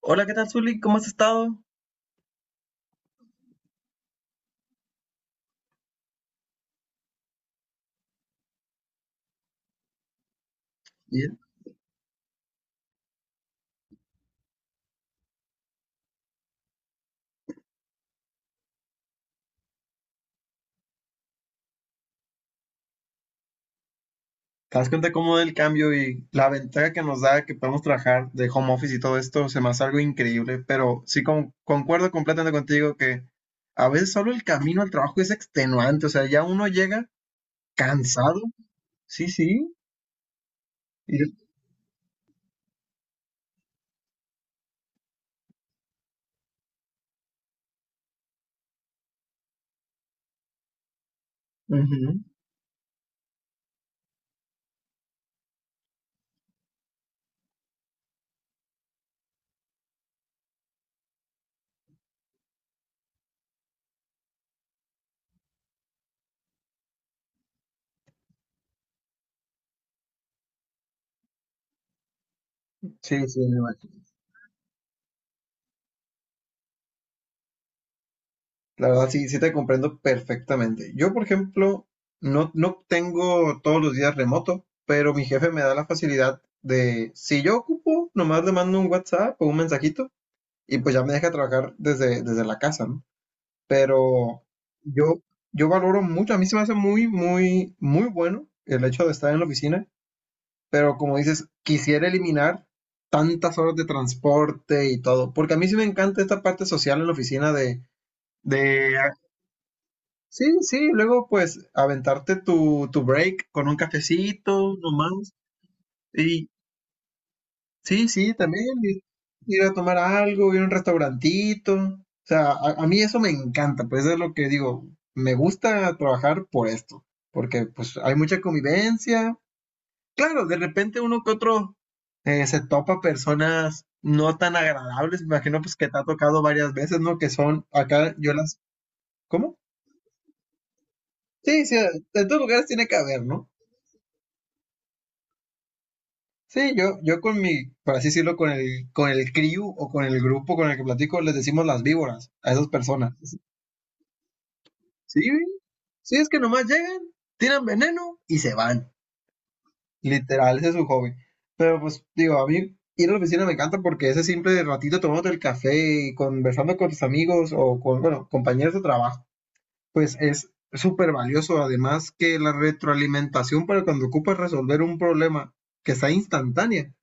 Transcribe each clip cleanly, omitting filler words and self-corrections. Hola, ¿qué tal, Zuli? ¿Cómo has estado? Bien. ¿Te das cuenta cómo el cambio y la ventaja que nos da que podemos trabajar de home office y todo esto se me hace algo increíble? Pero sí concuerdo completamente contigo que a veces solo el camino al trabajo es extenuante, o sea, ya uno llega cansado. Sí, sí. y- Ujú. Sí, sí, me imagino. La verdad, sí, sí te comprendo perfectamente. Yo, por ejemplo, no, no tengo todos los días remoto, pero mi jefe me da la facilidad de, si yo ocupo, nomás le mando un WhatsApp o un mensajito y pues ya me deja trabajar desde la casa, ¿no? Pero yo, yo valoro mucho, a mí se me hace muy, muy, muy bueno el hecho de estar en la oficina, pero como dices, quisiera eliminar tantas horas de transporte y todo, porque a mí sí me encanta esta parte social en la oficina de. Sí, sí, luego pues aventarte tu break con un cafecito nomás. Y sí, sí, también ir a tomar algo, ir a un restaurantito. O sea, a mí eso me encanta, pues es lo que digo, me gusta trabajar por esto, porque pues hay mucha convivencia. Claro, de repente uno que otro se topa personas no tan agradables, me imagino pues que te ha tocado varias veces, ¿no? Que son acá, yo las. ¿Cómo? Sí, sí, en todos lugares tiene que haber, ¿no? Sí, yo con mi, por así decirlo, con el crew o con el grupo con el que platico, les decimos las víboras a esas personas. Sí, güey. Sí, es que nomás llegan, tiran veneno y se van. Literal, ese es su hobby. Pero pues, digo, a mí ir a la oficina me encanta porque ese simple ratito tomándote el café y conversando con tus amigos o con, bueno, compañeros de trabajo, pues es súper valioso. Además que la retroalimentación para cuando ocupas resolver un problema que está instantánea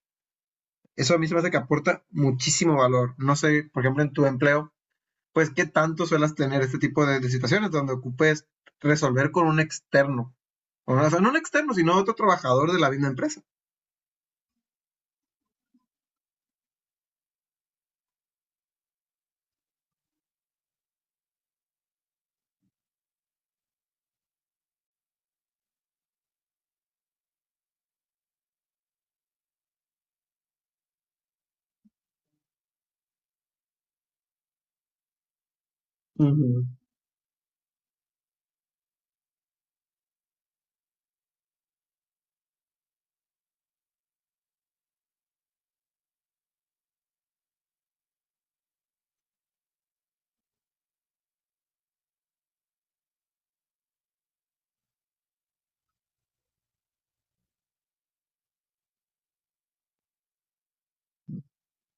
eso a mí se me hace que aporta muchísimo valor. No sé, por ejemplo, en tu empleo, pues qué tanto suelas tener este tipo de situaciones donde ocupes resolver con un externo. O sea, no un externo, sino otro trabajador de la misma empresa. Ujú.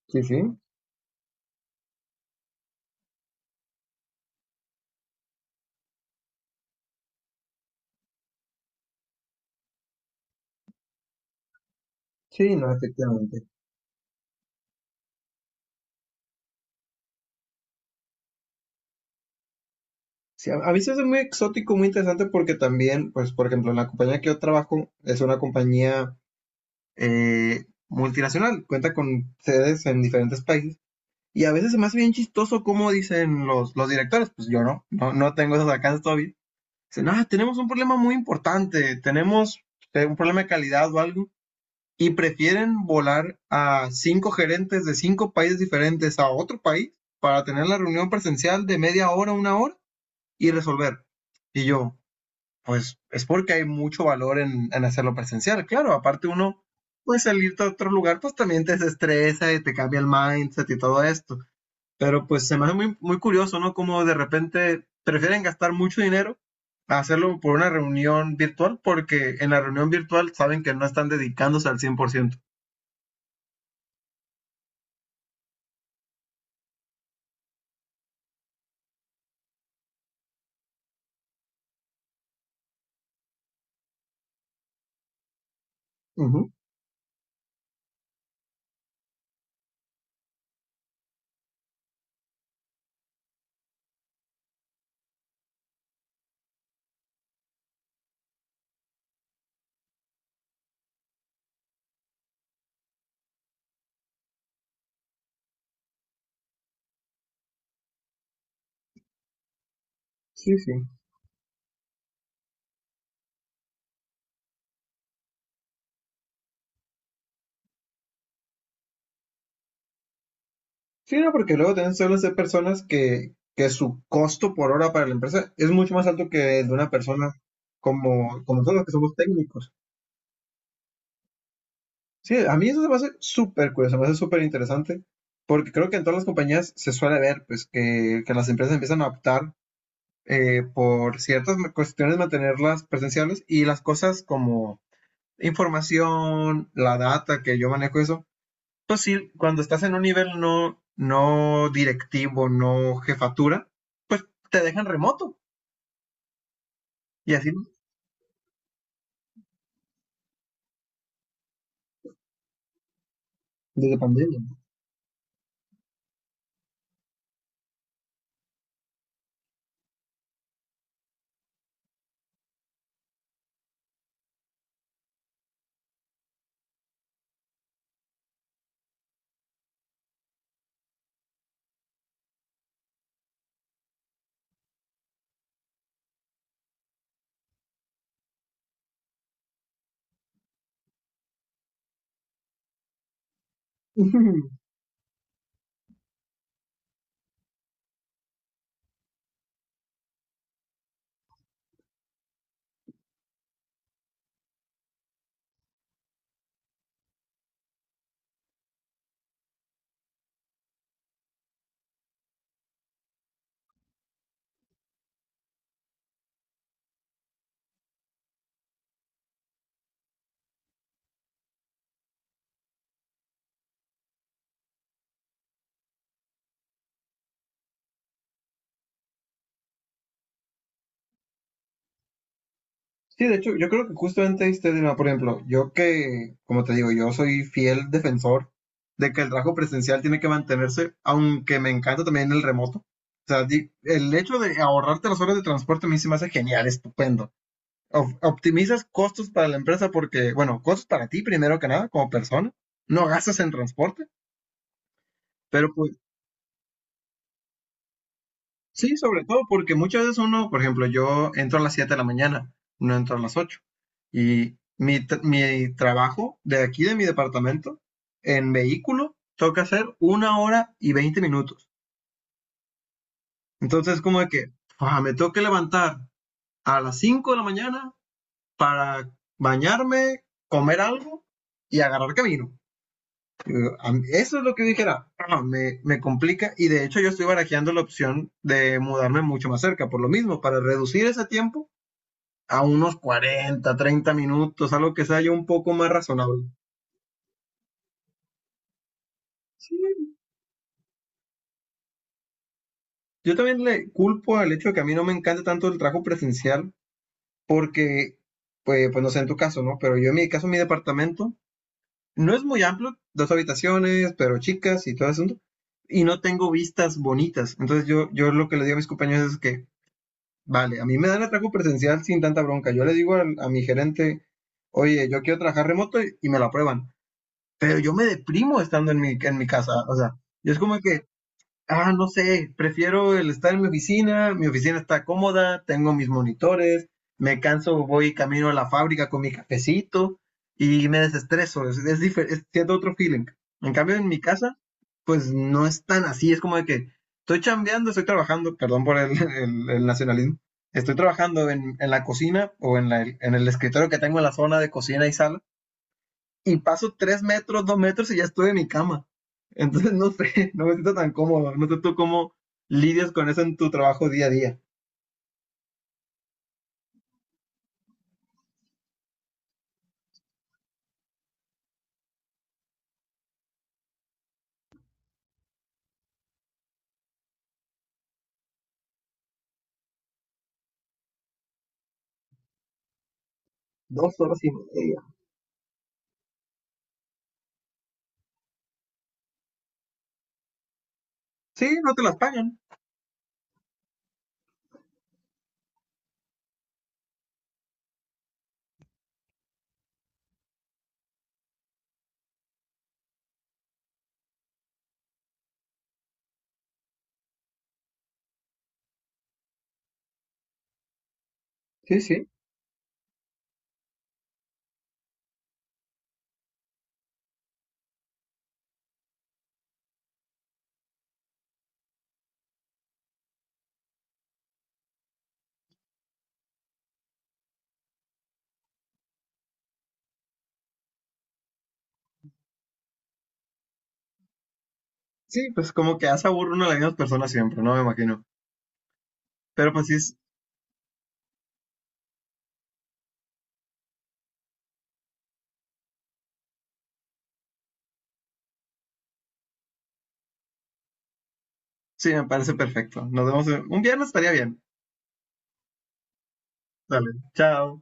Sí, sí. Sí, no, efectivamente. Sí, a mí se me hace muy exótico, muy interesante porque también, pues, por ejemplo, la compañía que yo trabajo es una compañía multinacional, cuenta con sedes en diferentes países. Y a veces se me hace bien chistoso cómo dicen los directores, pues yo no, no, no tengo esas alcances todavía. Dicen, ah, tenemos un problema muy importante, tenemos un problema de calidad o algo, y prefieren volar a cinco gerentes de cinco países diferentes a otro país para tener la reunión presencial de media hora, una hora y resolver. Y yo, pues es porque hay mucho valor en hacerlo presencial. Claro, aparte uno, pues salirte a otro lugar, pues también te desestresa y te cambia el mindset y todo esto. Pero pues se me hace muy, muy curioso, ¿no? Como de repente prefieren gastar mucho dinero a hacerlo por una reunión virtual, porque en la reunión virtual saben que no están dedicándose al 100%. Ujú. Sí, sí. Sí, no, porque luego también suelen ser personas que su costo por hora para la empresa es mucho más alto que el de una persona como nosotros que somos técnicos. Sí, a mí eso se me hace súper curioso, se me hace súper interesante, porque creo que en todas las compañías se suele ver pues que las empresas empiezan a optar por ciertas cuestiones mantenerlas presenciales y las cosas como información, la data que yo manejo eso, pues sí, cuando estás en un nivel no, no directivo, no jefatura, pues te dejan remoto y así, ¿no? Desde pandemia. ¿No? Sí, de hecho, yo creo que justamente este dilema, por ejemplo, yo que, como te digo, yo soy fiel defensor de que el trabajo presencial tiene que mantenerse, aunque me encanta también el remoto. O sea, el hecho de ahorrarte las horas de transporte a mí se me hace genial, estupendo. Optimizas costos para la empresa porque, bueno, costos para ti primero que nada, como persona. No gastas en transporte, pero pues sí, sobre todo porque muchas veces uno, por ejemplo, yo entro a las 7 de la mañana, no entro a las 8. Y mi trabajo de aquí, de mi departamento, en vehículo, toca hacer una hora y 20 minutos. Entonces, como de que, ah, me tengo que levantar a las 5 de la mañana para bañarme, comer algo y agarrar camino. Eh, Eso es lo que dijera, ah, me complica y de hecho yo estoy barajeando la opción de mudarme mucho más cerca, por lo mismo, para reducir ese tiempo a unos 40 30 minutos, algo que sea yo un poco más razonable. Sí, yo también le culpo al hecho de que a mí no me encanta tanto el trabajo presencial, porque, pues, pues no sé en tu caso, ¿no? Pero yo en mi caso, mi departamento no es muy amplio, dos habitaciones, pero chicas y todo eso, y no tengo vistas bonitas. Entonces yo lo que le digo a mis compañeros es que, vale, a mí me dan el trabajo presencial sin tanta bronca. Yo le digo a mi gerente, oye, yo quiero trabajar remoto y me lo aprueban, pero yo me deprimo estando en mi casa. O sea, yo es como que ah, no sé, prefiero el estar en mi oficina está cómoda, tengo mis monitores, me canso, voy camino a la fábrica con mi cafecito y me desestreso, es siento otro feeling. En cambio, en mi casa, pues no es tan así, es como de que estoy chambeando, estoy trabajando, perdón por el, el nacionalismo, estoy trabajando en la cocina o en el escritorio que tengo en la zona de cocina y sala y paso 3 metros, 2 metros y ya estoy en mi cama. Entonces, no sé, no me siento tan cómodo. No sé tú cómo lidias con eso en tu trabajo día a día. 2 horas y media. Sí, no te las pagan. Sí, sí. Sí, pues como que hace aburre uno a las mismas personas siempre, no me imagino. Pero pues sí, sí, me parece perfecto. Nos vemos un viernes, estaría bien. Dale, chao.